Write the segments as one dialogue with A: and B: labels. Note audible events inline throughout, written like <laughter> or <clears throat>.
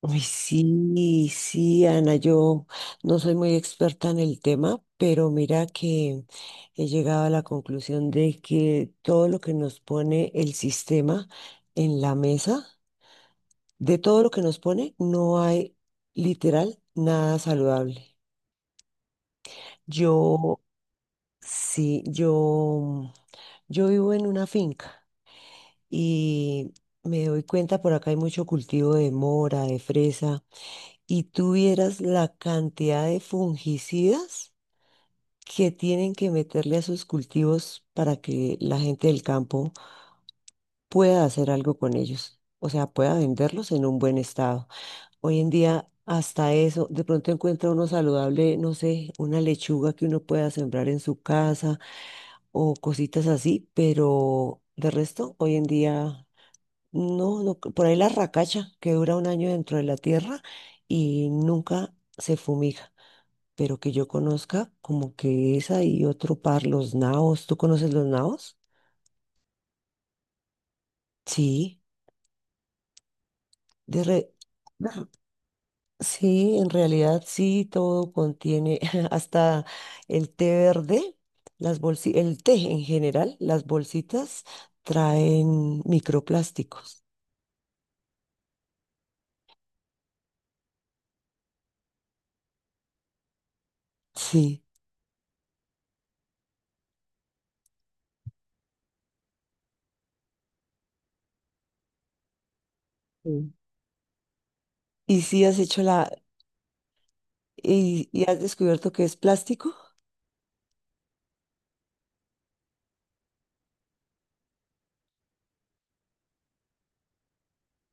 A: Uy, sí, sí, Ana, yo no soy muy experta en el tema, pero mira que he llegado a la conclusión de que todo lo que nos pone el sistema en la mesa, de todo lo que nos pone, no hay literal nada saludable. Yo, sí, yo vivo en una finca y me doy cuenta, por acá hay mucho cultivo de mora, de fresa. Y tú vieras la cantidad de fungicidas que tienen que meterle a sus cultivos para que la gente del campo pueda hacer algo con ellos, o sea, pueda venderlos en un buen estado. Hoy en día, hasta eso, de pronto encuentra uno saludable, no sé, una lechuga que uno pueda sembrar en su casa o cositas así, pero de resto, hoy en día, no, no, por ahí la racacha que dura un año dentro de la tierra y nunca se fumiga. Pero que yo conozca como que es ahí otro par, los naos. ¿Tú conoces los naos? Sí, de re- <clears throat> Ujú. Sí, en realidad sí, todo contiene <laughs> hasta el té verde, el té en general, las bolsitas traen microplásticos. Sí. Sí. ¿Y si has hecho la y has descubierto que es plástico?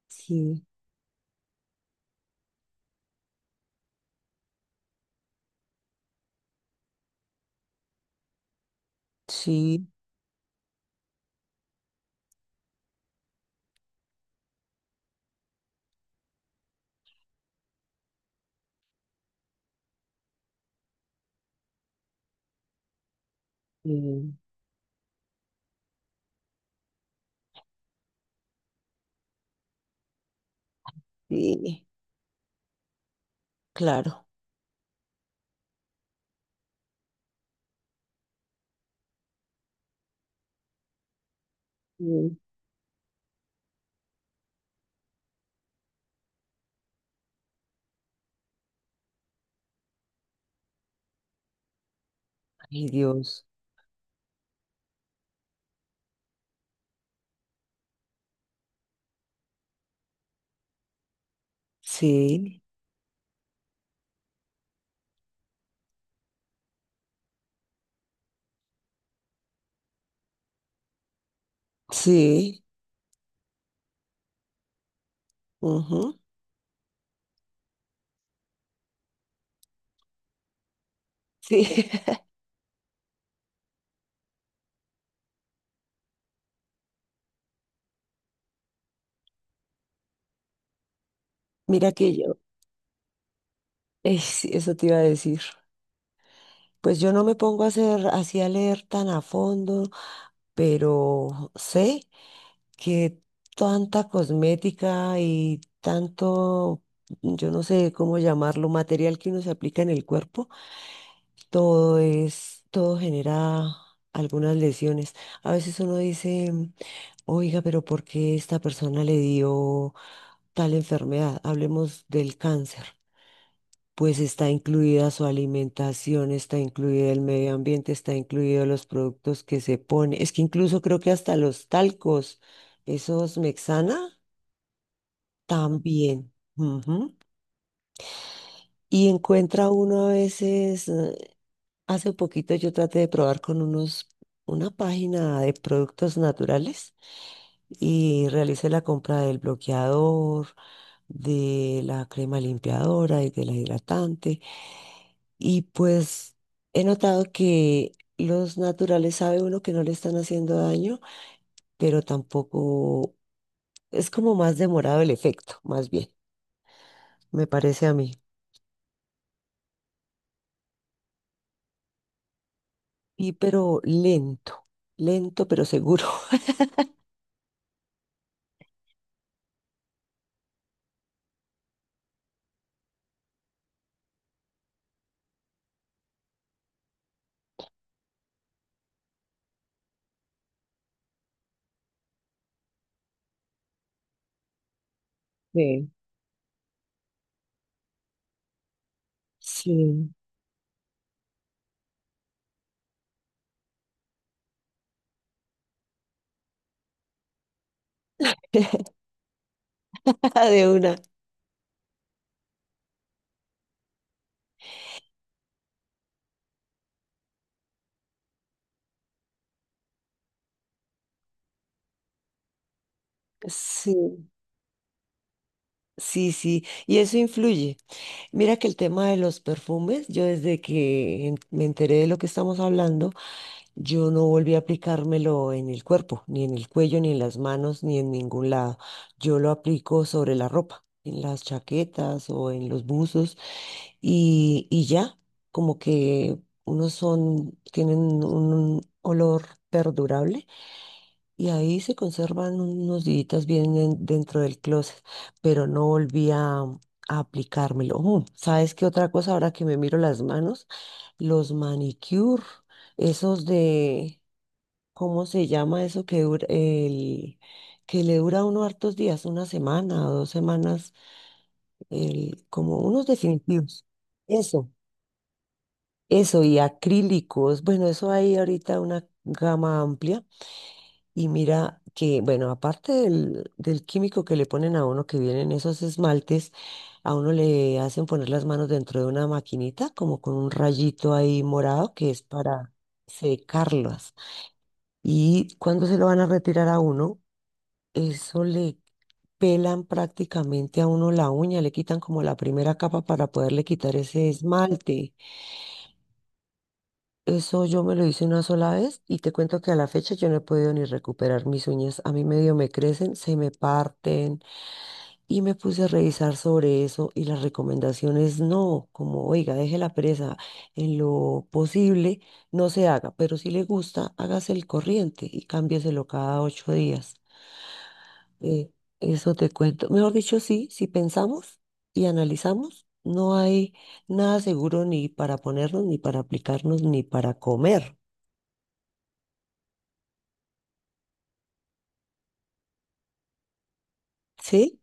A: Sí. Sí. Sí, sí, claro. Sí. Ay, Dios. Sí, sí, ujú, sí. <laughs> Mira que yo, sí, eso te iba a decir. Pues yo no me pongo a hacer, así a leer tan a fondo, pero sé que tanta cosmética y tanto, yo no sé cómo llamarlo, material que uno se aplica en el cuerpo, todo es, todo genera algunas lesiones. A veces uno dice, oiga, pero ¿por qué esta persona le dio tal enfermedad? Hablemos del cáncer, pues está incluida su alimentación, está incluida el medio ambiente, está incluido los productos que se pone, es que incluso creo que hasta los talcos, esos Mexana, también. Ujú. Y encuentra uno a veces, hace poquito yo traté de probar con unos, una página de productos naturales y realicé la compra del bloqueador, de la crema limpiadora y de la hidratante. Y pues he notado que los naturales sabe uno que no le están haciendo daño, pero tampoco es como más demorado el efecto, más bien, me parece a mí. Y pero lento, lento pero seguro. Sí. Sí. <laughs> De una. Sí. Sí, sí, y eso influye. Mira que el tema de los perfumes, yo desde que me enteré de lo que estamos hablando, yo no volví a aplicármelo en el cuerpo, ni en el cuello, ni en las manos, ni en ningún lado. Yo lo aplico sobre la ropa, en las chaquetas o en los buzos y ya, como que unos son, tienen un olor perdurable y ahí se conservan unos días bien dentro del closet, pero no volví a aplicármelo. Ujú, ¿sabes qué otra cosa? Ahora que me miro las manos, los manicure, esos de, ¿cómo se llama eso que dura el que le dura a uno hartos días, una semana o dos semanas, el, como unos definitivos? Eso, eso, y acrílicos. Bueno, eso hay ahorita una gama amplia. Y mira que, bueno, aparte del químico que le ponen a uno que vienen esos esmaltes, a uno le hacen poner las manos dentro de una maquinita, como con un rayito ahí morado, que es para secarlas. Y cuando se lo van a retirar a uno, eso le pelan prácticamente a uno la uña, le quitan como la primera capa para poderle quitar ese esmalte. Eso yo me lo hice una sola vez y te cuento que a la fecha yo no he podido ni recuperar mis uñas. A mí medio me crecen, se me parten y me puse a revisar sobre eso y las recomendaciones no, como oiga, deje la presa en lo posible, no se haga, pero si le gusta, hágase el corriente y cámbieselo cada ocho días. Eh, eso te cuento. Mejor dicho, sí, si pensamos y analizamos, no hay nada seguro ni para ponernos, ni para aplicarnos, ni para comer. ¿Sí?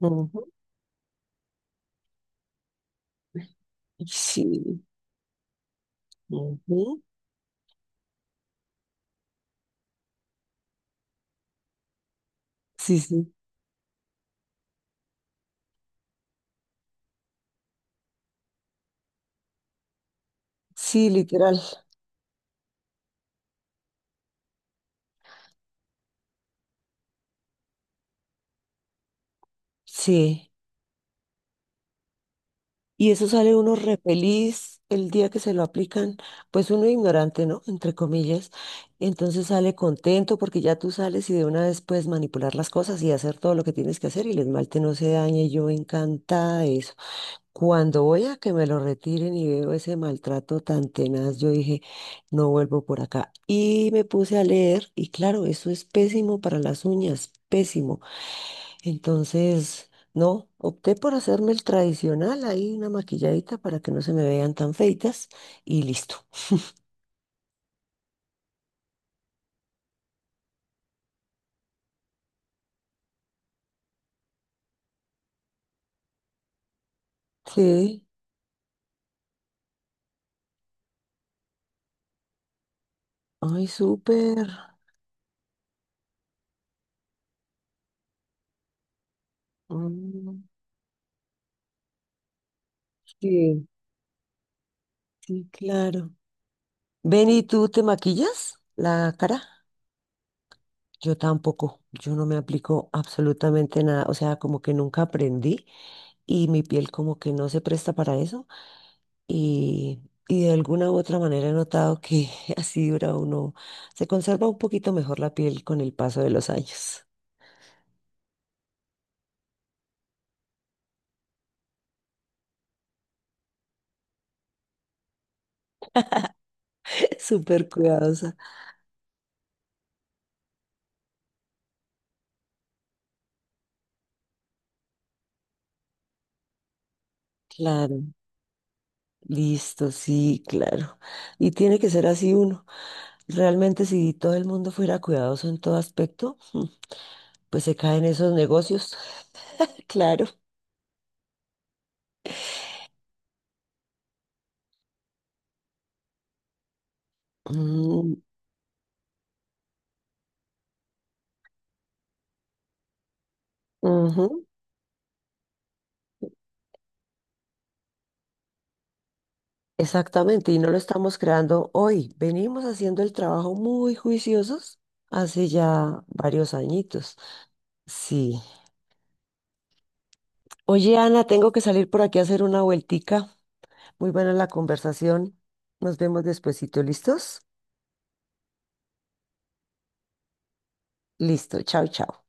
A: Ujú. Sí. Ujú. Sí, sí. Sí, literal. Sí. Y eso sale uno re feliz el día que se lo aplican, pues uno ignorante, ¿no? Entre comillas. Entonces sale contento porque ya tú sales y de una vez puedes manipular las cosas y hacer todo lo que tienes que hacer y el esmalte no se daña y yo encantada de eso. Cuando voy a que me lo retiren y veo ese maltrato tan tenaz, yo dije, no vuelvo por acá. Y me puse a leer y claro, eso es pésimo para las uñas, pésimo. Entonces, no, opté por hacerme el tradicional, ahí una maquilladita para que no se me vean tan feitas y listo. Sí, ay, súper. Mm, sí, sí, claro. Ven, ¿y tú te maquillas la cara? Yo tampoco, yo no me aplico absolutamente nada, o sea, como que nunca aprendí y mi piel como que no se presta para eso. Y, y de alguna u otra manera he notado que <laughs> así dura uno, se conserva un poquito mejor la piel con el paso de los años. <laughs> Súper cuidadosa. Claro, listo, sí, claro. Y tiene que ser así uno. Realmente si todo el mundo fuera cuidadoso en todo aspecto, mm, pues se caen esos negocios. <laughs> Claro. Mm, ujú, exactamente, y no lo estamos creando hoy. Venimos haciendo el trabajo muy juiciosos hace ya varios añitos. Sí. Oye, Ana, tengo que salir por aquí a hacer una vueltica. Muy buena la conversación. Nos vemos despuesito. ¿Listos? Listo. Chao, chao.